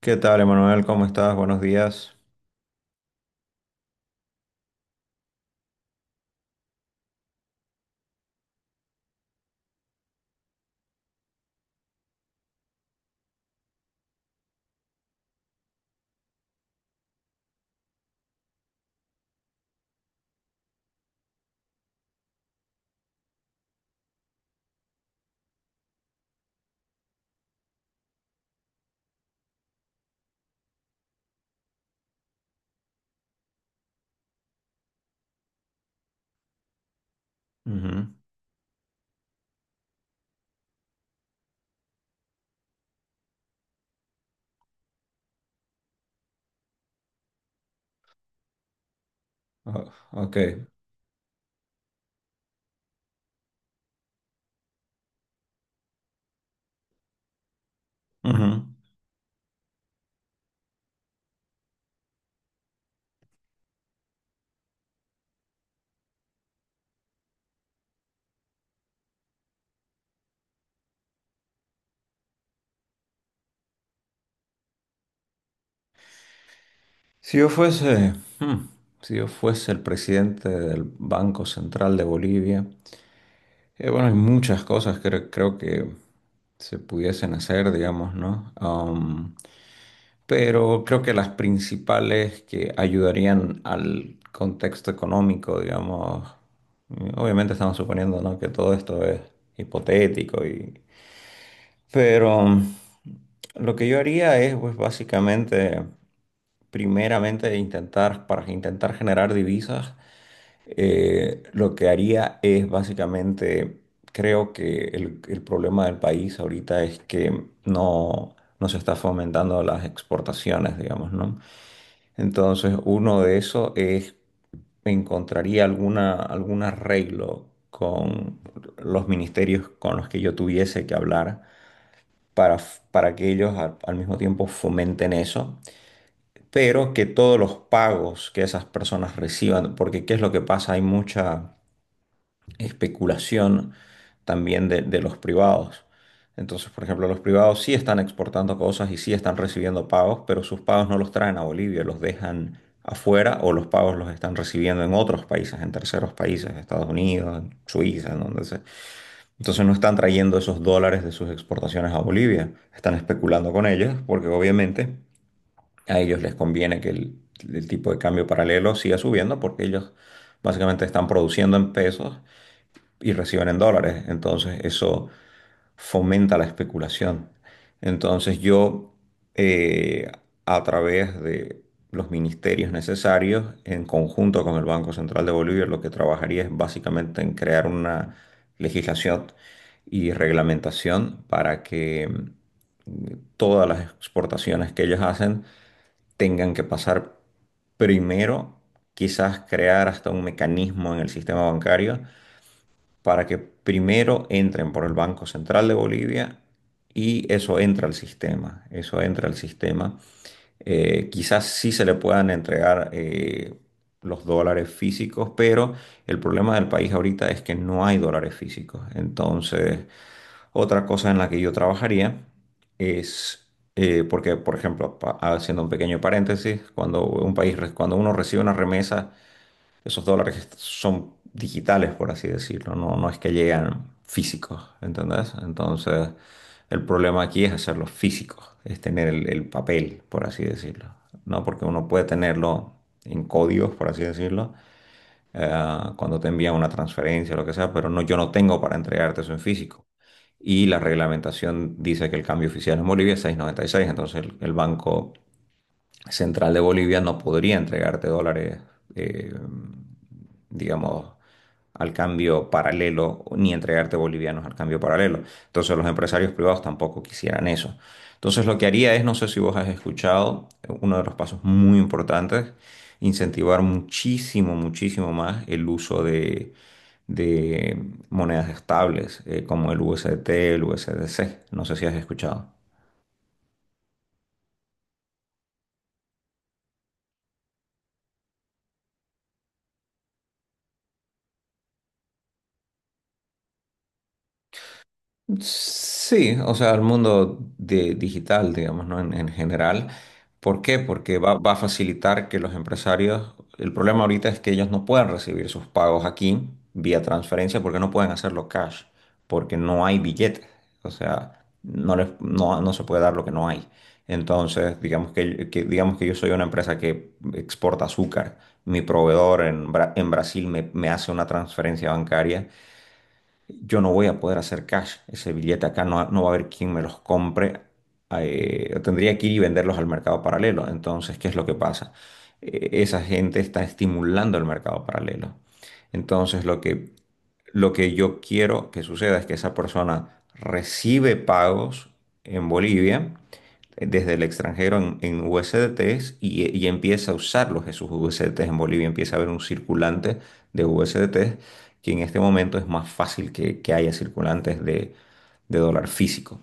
¿Qué tal, Emanuel? ¿Cómo estás? Buenos días. Ujú. Oh, ok. Ujú. Si yo fuese, hmm, si yo fuese el presidente del Banco Central de Bolivia, bueno, hay muchas cosas que creo que se pudiesen hacer, digamos, ¿no? Pero creo que las principales que ayudarían al contexto económico, digamos, obviamente estamos suponiendo, ¿no?, que todo esto es hipotético y pero lo que yo haría es, pues básicamente, primeramente intentar, para intentar generar divisas, lo que haría es básicamente, creo que el problema del país ahorita es que no se está fomentando las exportaciones, digamos, ¿no? Entonces, uno de eso es, encontraría algún arreglo con los ministerios con los que yo tuviese que hablar para, para que ellos al mismo tiempo fomenten eso, pero que todos los pagos que esas personas reciban, porque ¿qué es lo que pasa? Hay mucha especulación también de los privados. Entonces, por ejemplo, los privados sí están exportando cosas y sí están recibiendo pagos, pero sus pagos no los traen a Bolivia, los dejan afuera, o los pagos los están recibiendo en otros países, en terceros países, Estados Unidos, en Suiza, en donde sea. Entonces no están trayendo esos dólares de sus exportaciones a Bolivia, están especulando con ellos porque obviamente a ellos les conviene que el tipo de cambio paralelo siga subiendo porque ellos básicamente están produciendo en pesos y reciben en dólares. Entonces eso fomenta la especulación. Entonces yo, eh, a través de los ministerios necesarios, en conjunto con el Banco Central de Bolivia, lo que trabajaría es básicamente en crear una legislación y reglamentación para que mm, todas las exportaciones que ellos hacen tengan que pasar primero, quizás crear hasta un mecanismo en el sistema bancario para que primero entren por el Banco Central de Bolivia y eso entra al sistema, eso entra al sistema. Quizás sí se le puedan entregar los dólares físicos, pero el problema del país ahorita es que no hay dólares físicos. Entonces, otra cosa en la que yo trabajaría es, porque, por ejemplo, haciendo un pequeño paréntesis, cuando un país, cuando uno recibe una remesa, esos dólares son digitales, por así decirlo, no es que llegan físicos, ¿entendés? Entonces, el problema aquí es hacerlos físicos, es tener el papel, por así decirlo, ¿no? Porque uno puede tenerlo en códigos, por así decirlo, eh, cuando te envían una transferencia o lo que sea, pero no, yo no tengo para entregarte eso en físico. Y la reglamentación dice que el cambio oficial en Bolivia es 6.96, entonces el banco Central de Bolivia no podría entregarte dólares, eh, digamos, al cambio paralelo, ni entregarte bolivianos al cambio paralelo. Entonces los empresarios privados tampoco quisieran eso. Entonces lo que haría es, no sé si vos has escuchado, uno de los pasos muy importantes, incentivar muchísimo, muchísimo más el uso de monedas estables, como el USDT, el USDC. No sé si has escuchado. Sí, o sea, al mundo digital, digamos, ¿no? En general. ¿Por qué? Porque va, va a facilitar que los empresarios, el problema ahorita es que ellos no pueden recibir sus pagos aquí vía transferencia porque no pueden hacerlo cash, porque no hay billetes. O sea, no les, no, no se puede dar lo que no hay. Entonces, digamos que, digamos que yo soy una empresa que exporta azúcar. Mi proveedor en, en Brasil me, me hace una transferencia bancaria, yo no voy a poder hacer cash. Ese billete acá no, no va a haber quien me los compre. Eh, tendría que ir y venderlos al mercado paralelo. Entonces, ¿qué es lo que pasa? Esa gente está estimulando el mercado paralelo. Entonces, lo que yo quiero que suceda es que esa persona recibe pagos en Bolivia desde el extranjero en USDTs y empieza a usarlos esos USDTs en Bolivia, empieza a haber un circulante de USDTs que en este momento es más fácil que haya circulantes de dólar físico.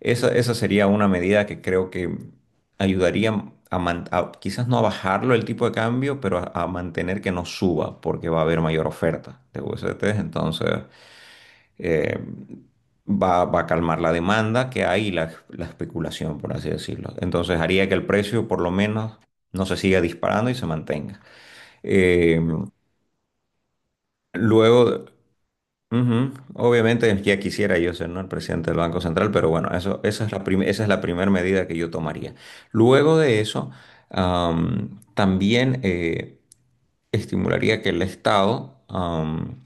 Esa sería una medida que creo que ayudaría a, quizás no a bajarlo el tipo de cambio, pero a mantener que no suba, porque va a haber mayor oferta de USDT. Entonces, eh, va, va a calmar la demanda que hay y la especulación, por así decirlo. Entonces, haría que el precio, por lo menos, no se siga disparando y se mantenga. Eh, luego, ujú. Obviamente ya quisiera yo ser, ¿no?, el presidente del Banco Central, pero bueno, eso, esa es esa es la primera medida que yo tomaría. Luego de eso, también estimularía que el Estado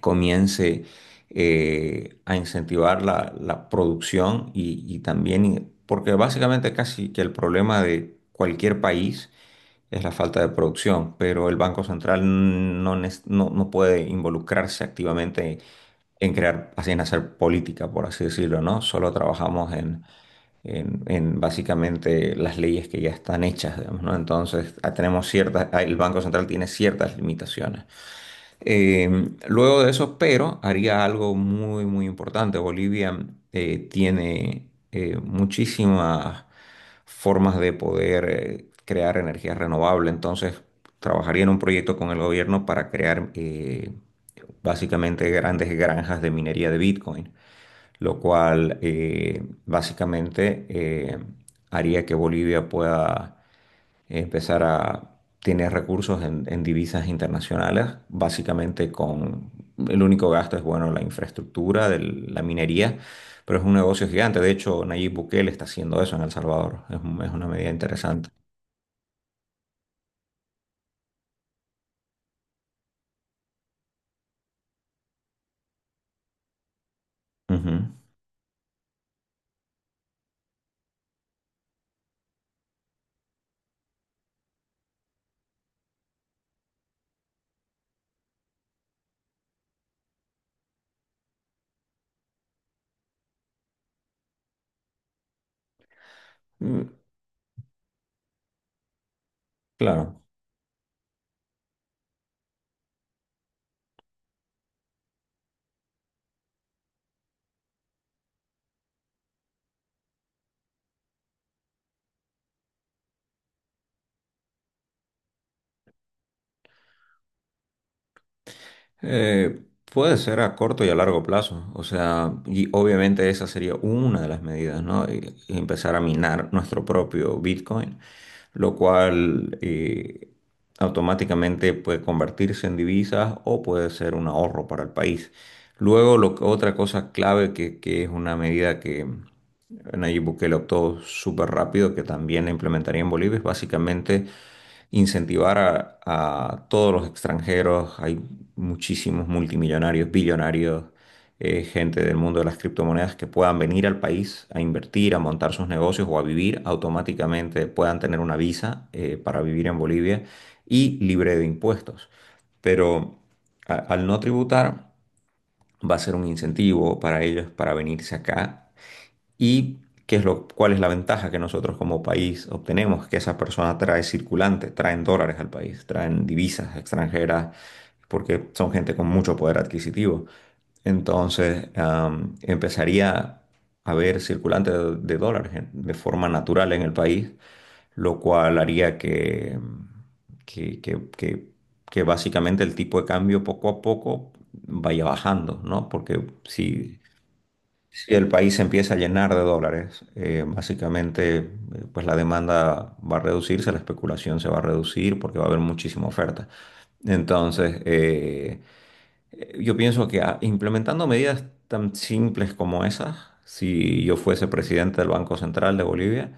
comience a incentivar la producción y también, porque básicamente casi que el problema de cualquier país es la falta de producción, pero el Banco Central no, no, no puede involucrarse activamente en crear, así en hacer política, por así decirlo, ¿no? Solo trabajamos en, en básicamente las leyes que ya están hechas, digamos, ¿no? Entonces, ah, tenemos ciertas, ah, el Banco Central tiene ciertas limitaciones. Luego de eso, pero haría algo muy, muy importante. Bolivia tiene muchísimas formas de poder crear energía renovable. Entonces, trabajaría en un proyecto con el gobierno para crear básicamente grandes granjas de minería de Bitcoin, lo cual básicamente haría que Bolivia pueda empezar a tener recursos en divisas internacionales, básicamente con el único gasto es, bueno, la infraestructura de la minería, pero es un negocio gigante. De hecho, Nayib Bukele está haciendo eso en El Salvador. Es, es una medida interesante. Ujú. Mm. Claro. Eh, puede ser a corto y a largo plazo, o sea, y obviamente esa sería una de las medidas, ¿no? Y y empezar a minar nuestro propio Bitcoin, lo cual automáticamente puede convertirse en divisas o puede ser un ahorro para el país. Luego, otra cosa clave que es una medida que Nayib Bukele optó súper rápido, que también la implementaría en Bolivia, es básicamente incentivar a todos los extranjeros. Hay muchísimos multimillonarios, billonarios, gente del mundo de las criptomonedas que puedan venir al país a invertir, a montar sus negocios o a vivir automáticamente, puedan tener una visa para vivir en Bolivia y libre de impuestos. Pero al no tributar, va a ser un incentivo para ellos para venirse acá. ¿Y qué es lo, cuál es la ventaja que nosotros como país obtenemos? Que esa persona trae circulante, traen dólares al país, traen divisas extranjeras, porque son gente con mucho poder adquisitivo. Entonces, am, empezaría a haber circulante de dólares de forma natural en el país, lo cual haría que, que básicamente el tipo de cambio poco a poco vaya bajando, ¿no? Porque si, si el país se empieza a llenar de dólares, básicamente pues la demanda va a reducirse, la especulación se va a reducir porque va a haber muchísima oferta. Entonces, yo pienso que ah, implementando medidas tan simples como esas, si yo fuese presidente del Banco Central de Bolivia,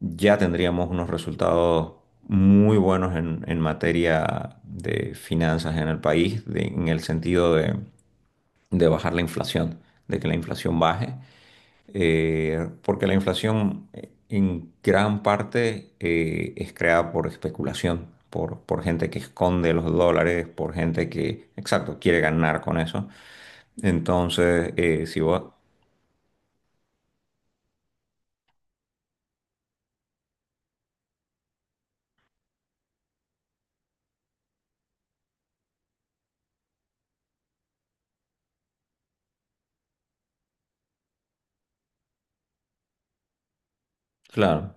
ya tendríamos unos resultados muy buenos en materia de finanzas en el país, en el sentido de bajar la inflación, de que la inflación baje porque la inflación en gran parte es creada por especulación, por gente que esconde los dólares, por gente que, exacto, quiere ganar con eso. Entonces, si vos, claro,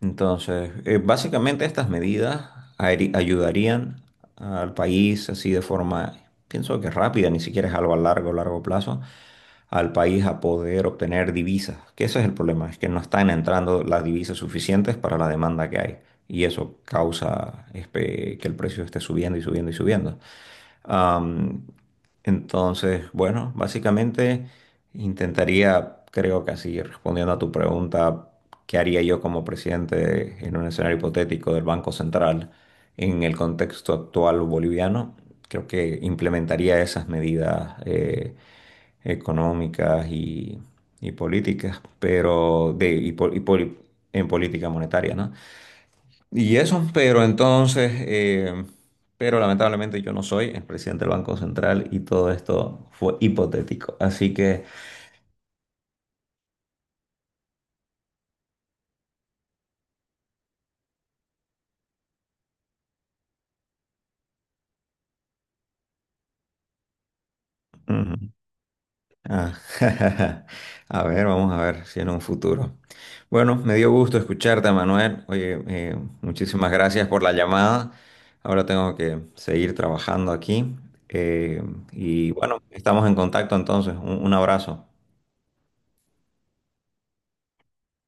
entonces, básicamente estas medidas ayudarían al país así de forma, pienso que rápida, ni siquiera es algo a largo, largo plazo, al país a poder obtener divisas, que ese es el problema, es que no están entrando las divisas suficientes para la demanda que hay y eso causa este, que el precio esté subiendo y subiendo y subiendo. Am, entonces, bueno, básicamente intentaría, creo que así, respondiendo a tu pregunta, ¿qué haría yo como presidente en un escenario hipotético del Banco Central en el contexto actual boliviano? Creo que implementaría esas medidas económicas y políticas, pero de, en política monetaria, ¿no? Y eso, pero entonces, pero lamentablemente yo no soy el presidente del Banco Central y todo esto fue hipotético. Así que, mm, ah, a ver, vamos a ver si en un futuro. Bueno, me dio gusto escucharte, Manuel. Oye, muchísimas gracias por la llamada. Ahora tengo que seguir trabajando aquí. Eh, y bueno, estamos en contacto entonces. Un abrazo.